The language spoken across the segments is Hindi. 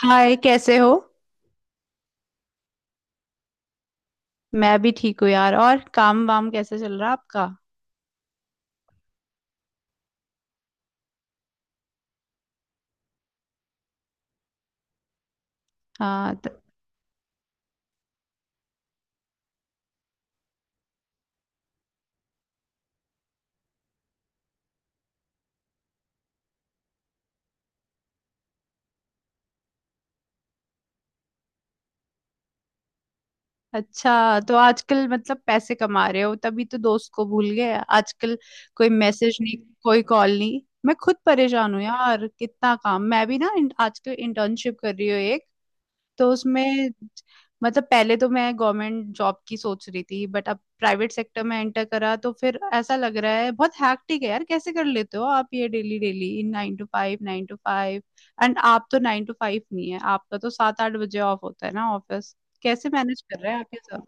हाय, कैसे हो। मैं भी ठीक हूँ यार। और काम वाम कैसे चल रहा आपका। हाँ, अच्छा तो आजकल मतलब पैसे कमा रहे हो, तभी तो दोस्त को भूल गए आजकल। कोई मैसेज नहीं। कोई कॉल नहीं। मैं खुद परेशान हूँ यार, कितना काम। मैं भी ना आजकल इंटर्नशिप कर रही हूँ एक, तो उसमें मतलब पहले तो मैं गवर्नमेंट जॉब की सोच रही थी बट अब प्राइवेट सेक्टर में एंटर करा, तो फिर ऐसा लग रहा है बहुत हैक्टिक है यार। कैसे कर लेते हो आप ये daily daily 9 to 5, 9 to 5। And आप तो 9 to 5 नहीं है, आपका तो 7-8 बजे ऑफ होता है ना ऑफिस। कैसे मैनेज कर रहे हैं आप ये सब।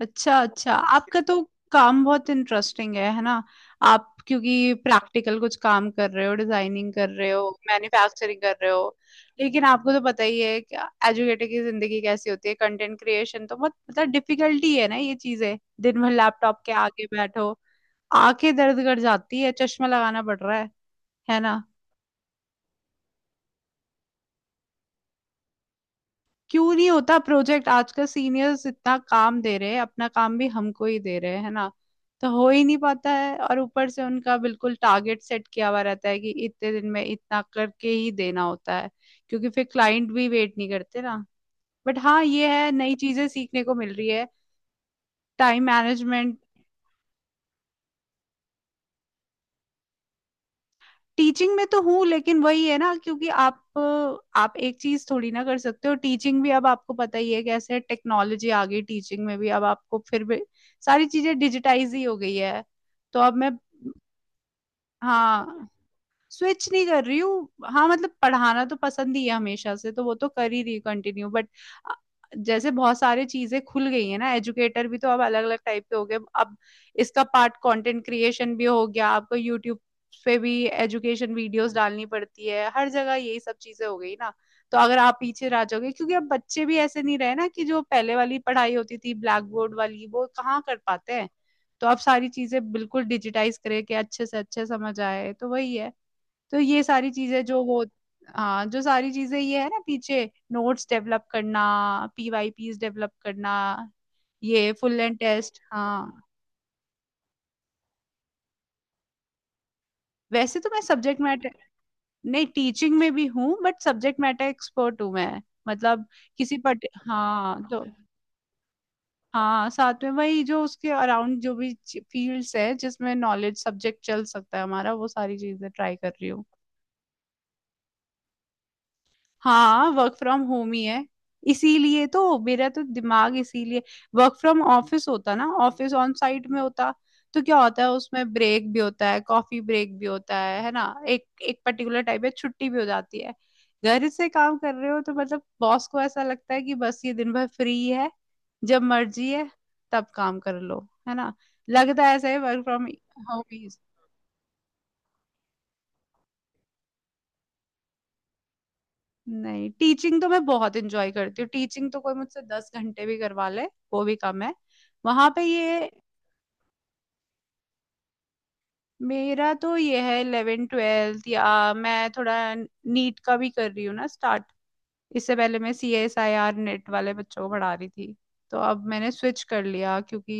अच्छा अच्छा, आपका तो काम बहुत इंटरेस्टिंग है ना। आप क्योंकि प्रैक्टिकल कुछ काम कर रहे हो, डिजाइनिंग कर रहे हो, मैन्युफैक्चरिंग कर रहे हो। लेकिन आपको तो पता ही है कि एजुकेटर की जिंदगी कैसी होती है। कंटेंट क्रिएशन तो बहुत मतलब डिफिकल्टी है ना, ये चीजें। दिन भर लैपटॉप के आगे बैठो, आंखें दर्द कर जाती है, चश्मा लगाना पड़ रहा है ना। क्यों नहीं होता प्रोजेक्ट, आजकल सीनियर्स इतना काम दे रहे हैं, अपना काम भी हमको ही दे रहे हैं, है ना। तो हो ही नहीं पाता है, और ऊपर से उनका बिल्कुल टारगेट सेट किया हुआ रहता है कि इतने दिन में इतना करके ही देना होता है, क्योंकि फिर क्लाइंट भी वेट नहीं करते ना। बट हाँ, ये है, नई चीजें सीखने को मिल रही है, टाइम मैनेजमेंट। टीचिंग में तो हूँ लेकिन वही है ना, क्योंकि आप एक चीज थोड़ी ना कर सकते हो। टीचिंग भी अब आपको पता ही है कैसे टेक्नोलॉजी आ गई टीचिंग में भी, अब आपको फिर भी सारी चीजें डिजिटाइज ही हो गई है। तो अब मैं, हाँ। स्विच नहीं कर रही हूँ, हाँ, मतलब पढ़ाना तो पसंद ही है हमेशा से, तो वो तो कर ही रही हूँ कंटिन्यू, बट जैसे बहुत सारी चीजें खुल गई है ना, एजुकेटर भी तो अब अलग अलग टाइप के हो गए अब। इसका पार्ट कंटेंट क्रिएशन भी हो गया, आपको यूट्यूब पे भी एजुकेशन वीडियोस डालनी पड़ती है, हर जगह यही सब चीजें हो गई ना। तो अगर आप पीछे रह जाओगे, क्योंकि अब बच्चे भी ऐसे नहीं रहे ना कि जो पहले वाली पढ़ाई होती थी ब्लैक बोर्ड वाली, वो कहाँ कर पाते हैं। तो अब सारी चीजें बिल्कुल डिजिटाइज करके अच्छे से अच्छे समझ आए, तो वही है। तो ये सारी चीजें जो वो, हाँ, जो सारी चीजें ये है ना, पीछे नोट्स डेवलप करना, पीवाईपीस डेवलप करना, ये फुल एंड टेस्ट, हाँ। वैसे तो मैं सब्जेक्ट मैटर, नहीं टीचिंग में भी हूँ बट सब्जेक्ट मैटर एक्सपर्ट हूँ मैं, मतलब किसी पट, हाँ तो, हाँ साथ में वही जो उसके अराउंड जो भी फील्ड्स है जिसमें नॉलेज सब्जेक्ट चल सकता है हमारा, वो सारी चीजें ट्राई कर रही हूँ। हाँ वर्क फ्रॉम होम ही है, इसीलिए तो मेरा तो दिमाग, इसीलिए, वर्क फ्रॉम ऑफिस होता ना, ऑफिस ऑन साइट में होता तो क्या होता है उसमें ब्रेक भी होता है, कॉफी ब्रेक भी होता है ना। एक एक पर्टिकुलर टाइप है, छुट्टी भी हो जाती है। घर से काम कर रहे हो तो मतलब बॉस को ऐसा लगता है कि बस ये दिन भर फ्री है, जब मर्जी है तब काम कर लो, है ना, लगता है ऐसे वर्क फ्रॉम होम। नहीं टीचिंग तो मैं बहुत इंजॉय करती हूँ, टीचिंग तो कोई मुझसे 10 घंटे भी करवा ले वो भी कम है, वहां पे ये। मेरा तो ये है 11 12, या मैं थोड़ा नीट का भी कर रही हूँ ना स्टार्ट। इससे पहले मैं CSIR नेट वाले बच्चों को पढ़ा रही थी। तो अब मैंने स्विच कर लिया, क्योंकि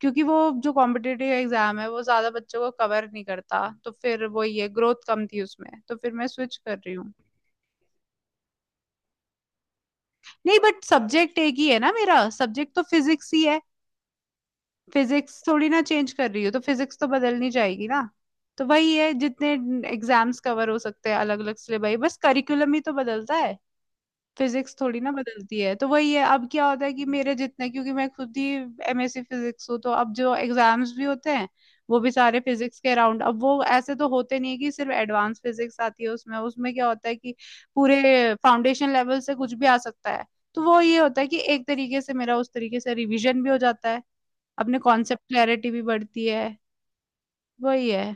क्योंकि वो जो कॉम्पिटिटिव एग्जाम है वो ज्यादा बच्चों को कवर नहीं करता, तो फिर वो ये ग्रोथ कम थी उसमें, तो फिर मैं स्विच कर रही हूँ। नहीं बट सब्जेक्ट एक ही है ना, मेरा सब्जेक्ट तो फिजिक्स ही है, फिजिक्स थोड़ी ना चेंज कर रही हो, तो फिजिक्स तो बदलनी जाएगी ना। तो वही है, जितने एग्जाम्स कवर हो सकते हैं अलग अलग से भाई, बस करिकुलम ही तो बदलता है, फिजिक्स थोड़ी ना बदलती है, तो वही है। अब क्या होता है कि मेरे जितने, क्योंकि मैं खुद ही MSc फिजिक्स हूँ, तो अब जो एग्जाम्स भी होते हैं वो भी सारे फिजिक्स के अराउंड, अब वो ऐसे तो होते नहीं है कि सिर्फ एडवांस फिजिक्स आती है उसमें, उसमें क्या होता है कि पूरे फाउंडेशन लेवल से कुछ भी आ सकता है। तो वो ये होता है कि एक तरीके से मेरा उस तरीके से रिवीजन भी हो जाता है, अपने कॉन्सेप्ट क्लैरिटी भी बढ़ती है, वही है।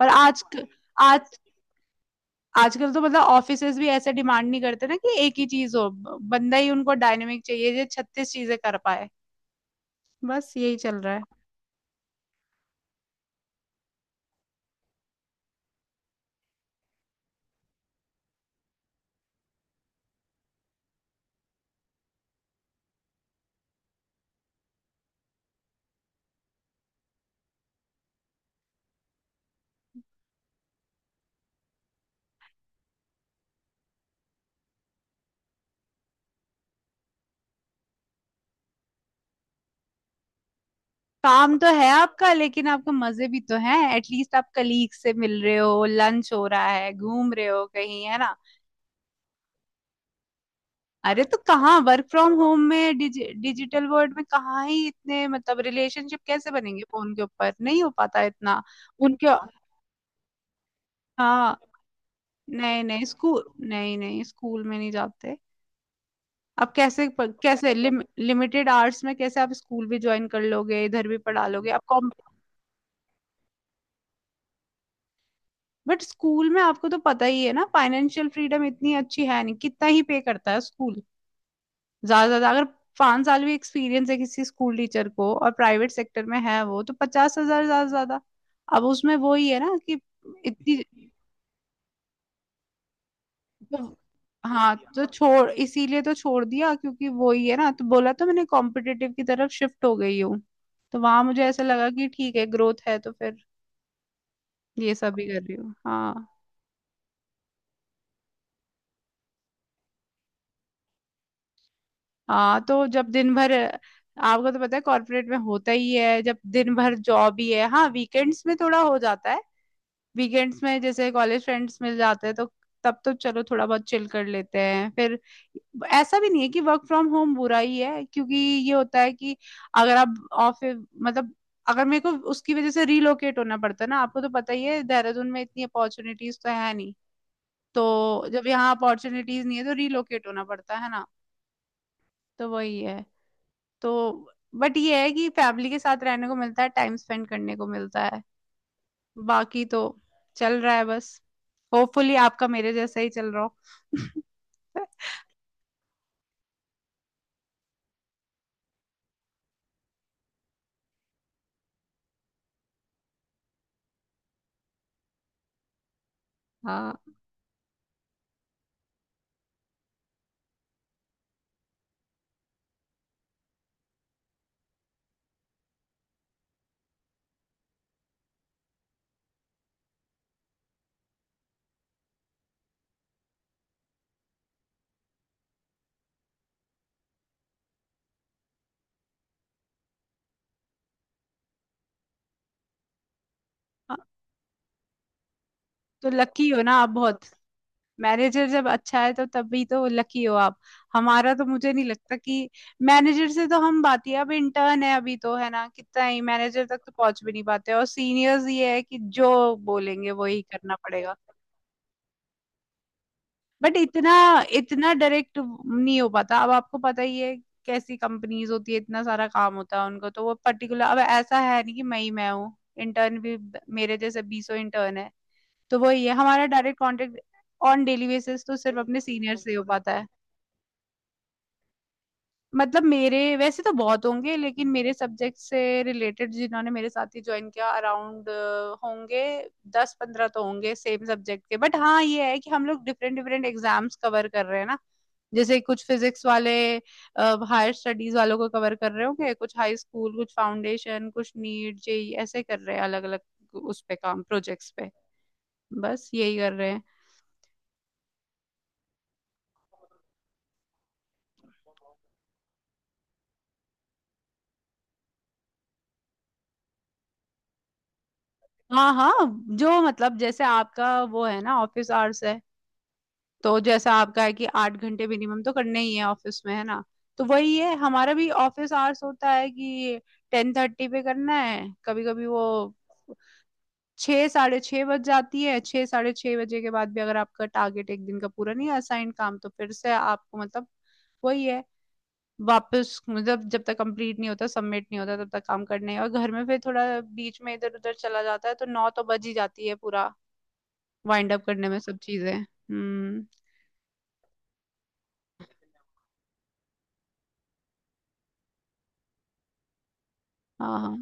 और आज आज आजकल तो मतलब ऑफिसेज भी ऐसे डिमांड नहीं करते ना कि एक ही चीज हो, बंदा ही उनको डायनेमिक चाहिए जो छत्तीस चीजें कर पाए, बस यही चल रहा है। काम तो है आपका, लेकिन आपके मजे भी तो हैं, एटलीस्ट आप कलीग से मिल रहे हो, लंच हो रहा है, घूम रहे हो कहीं, है ना। अरे तो कहाँ, वर्क फ्रॉम होम में डिजिटल वर्ल्ड में कहाँ ही इतने मतलब रिलेशनशिप कैसे बनेंगे, फोन के ऊपर नहीं हो पाता इतना। उनके, हाँ, नहीं नहीं स्कूल, नहीं नहीं स्कूल में नहीं जाते। अब कैसे कैसे लिमिटेड आवर्स में कैसे आप स्कूल भी ज्वाइन कर लोगे, इधर भी पढ़ा लोगे आप कॉम। बट स्कूल में आपको तो पता ही है ना, फाइनेंशियल फ्रीडम इतनी अच्छी है नहीं, कितना ही पे करता है स्कूल, ज्यादा से ज्यादा अगर 5 साल भी एक्सपीरियंस है किसी स्कूल टीचर को और प्राइवेट सेक्टर में है वो, तो 50,000 ज्यादा से ज्यादा। अब उसमें वो ही है ना कि इतनी तो- हाँ तो छोड़, इसीलिए तो छोड़ दिया, क्योंकि वो ही है ना, तो बोला तो मैंने कॉम्पिटिटिव की तरफ शिफ्ट हो गई हूँ। तो वहां मुझे ऐसा लगा कि ठीक है ग्रोथ है, तो फिर ये सब ही कर रही हूँ, हाँ। हाँ तो जब दिन भर, आपको तो पता है कॉर्पोरेट में होता ही है, जब दिन भर जॉब ही है, हाँ वीकेंड्स में थोड़ा हो जाता है, वीकेंड्स में जैसे कॉलेज फ्रेंड्स मिल जाते हैं तो तब तो चलो थोड़ा बहुत चिल कर लेते हैं फिर। ऐसा भी नहीं है कि वर्क फ्रॉम होम बुरा ही है, क्योंकि ये होता है कि अगर आप ऑफिस, मतलब अगर मेरे को उसकी वजह से रीलोकेट होना पड़ता है ना, आपको तो पता ही है देहरादून में इतनी अपॉर्चुनिटीज तो है नहीं, तो जब यहाँ अपॉर्चुनिटीज नहीं है तो रीलोकेट होना पड़ता है ना, तो वही है तो। बट ये है कि फैमिली के साथ रहने को मिलता है, टाइम स्पेंड करने को मिलता है, बाकी तो चल रहा है बस, होपफुली आपका मेरे जैसा ही चल रहा हो। हाँ हाँ, तो लकी हो ना आप बहुत, मैनेजर जब अच्छा है तो तभी तो लकी हो आप। हमारा तो मुझे नहीं लगता कि मैनेजर से तो हम बात ही, अब इंटर्न है अभी तो है ना, कितना ही मैनेजर तक तो पहुंच भी नहीं पाते, और सीनियर्स ये है कि जो बोलेंगे वही करना पड़ेगा। बट इतना इतना डायरेक्ट नहीं हो पाता, अब आपको पता ही है कैसी कंपनीज होती है, इतना सारा काम होता है उनको तो वो पर्टिकुलर, अब ऐसा है नहीं कि मैं ही मैं हूँ, इंटर्न भी मेरे जैसे बीसों इंटर्न है। तो वही है, हमारा direct contact on daily basis तो सिर्फ अपने सीनियर से हो पाता है। मतलब मेरे वैसे तो बहुत होंगे, लेकिन मेरे सब्जेक्ट से रिलेटेड जिन्होंने मेरे साथ ही ज्वाइन किया अराउंड होंगे, 10-15 तो होंगे सेम सब्जेक्ट के। बट हाँ ये है कि हम लोग डिफरेंट डिफरेंट एग्जाम्स कवर कर रहे हैं ना, जैसे कुछ फिजिक्स वाले हायर स्टडीज वालों को कवर कर रहे होंगे, कुछ हाई स्कूल, कुछ फाउंडेशन, कुछ नीट जेई, ऐसे कर रहे हैं अलग अलग उस पे काम, प्रोजेक्ट्स पे, बस यही कर रहे हैं। हाँ हाँ, जो मतलब जैसे आपका वो है ना ऑफिस आवर्स है, तो जैसा आपका है कि 8 घंटे मिनिमम तो करने ही है ऑफिस में, है ना, तो वही है हमारा भी ऑफिस आवर्स होता है कि 10:30 पे करना है। कभी कभी वो 6 साढ़े 6 बज जाती है, 6 साढ़े 6 बजे के बाद भी अगर आपका टारगेट एक दिन का पूरा नहीं असाइन काम, तो फिर से आपको मतलब वही है, वापस मतलब जब तक कंप्लीट नहीं होता, सबमिट नहीं होता, तब तक काम करने हैं। और घर में फिर थोड़ा बीच में इधर उधर चला जाता है तो 9 तो बज ही जाती है पूरा वाइंड अप करने में सब चीजें, हम्म। हाँ हाँ।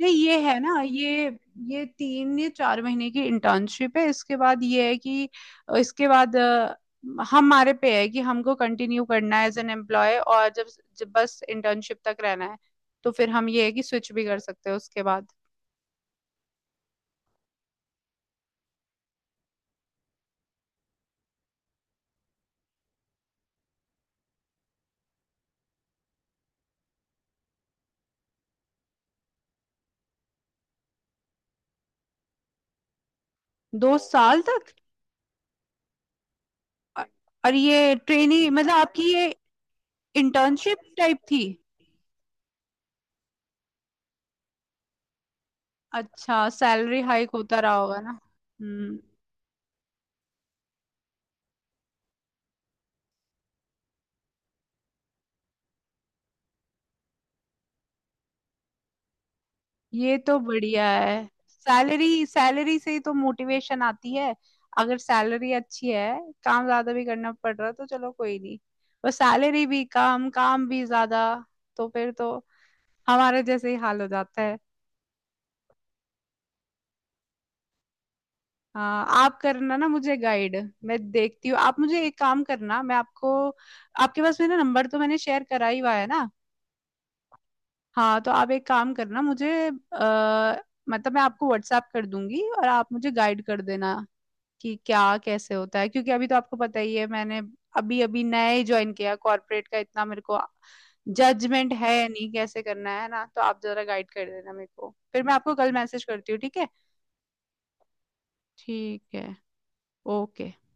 नहीं ये है ना, ये 3 या 4 महीने की इंटर्नशिप है। इसके बाद ये है कि इसके बाद हमारे पे है कि हमको कंटिन्यू करना है एज एन एम्प्लॉय और जब बस इंटर्नशिप तक रहना है तो फिर हम ये है कि स्विच भी कर सकते हैं उसके बाद। 2 साल तक, अ- और ये ट्रेनी मतलब आपकी ये इंटर्नशिप टाइप थी। अच्छा, सैलरी हाइक होता रहा होगा ना, हम्म। ये तो बढ़िया है, सैलरी सैलरी से ही तो मोटिवेशन आती है, अगर सैलरी अच्छी है काम ज्यादा भी करना पड़ रहा तो चलो कोई नहीं, पर सैलरी भी कम काम भी ज्यादा, तो फिर तो हमारे जैसे ही हाल हो जाता है। हाँ, आप करना ना मुझे गाइड, मैं देखती हूँ, आप मुझे एक काम करना, मैं आपको, आपके पास मेरा नंबर तो मैंने शेयर करा ही हुआ है ना। हाँ तो आप एक काम करना, मुझे मतलब मैं आपको व्हाट्सएप कर दूंगी और आप मुझे गाइड कर देना कि क्या कैसे होता है, क्योंकि अभी तो आपको पता ही है मैंने अभी अभी नया ही ज्वाइन किया कॉर्पोरेट का, इतना मेरे को जजमेंट है नहीं कैसे करना है ना, तो आप जरा गाइड कर देना मेरे को, फिर मैं आपको कल मैसेज करती हूँ, ठीक है। ठीक है। ओके।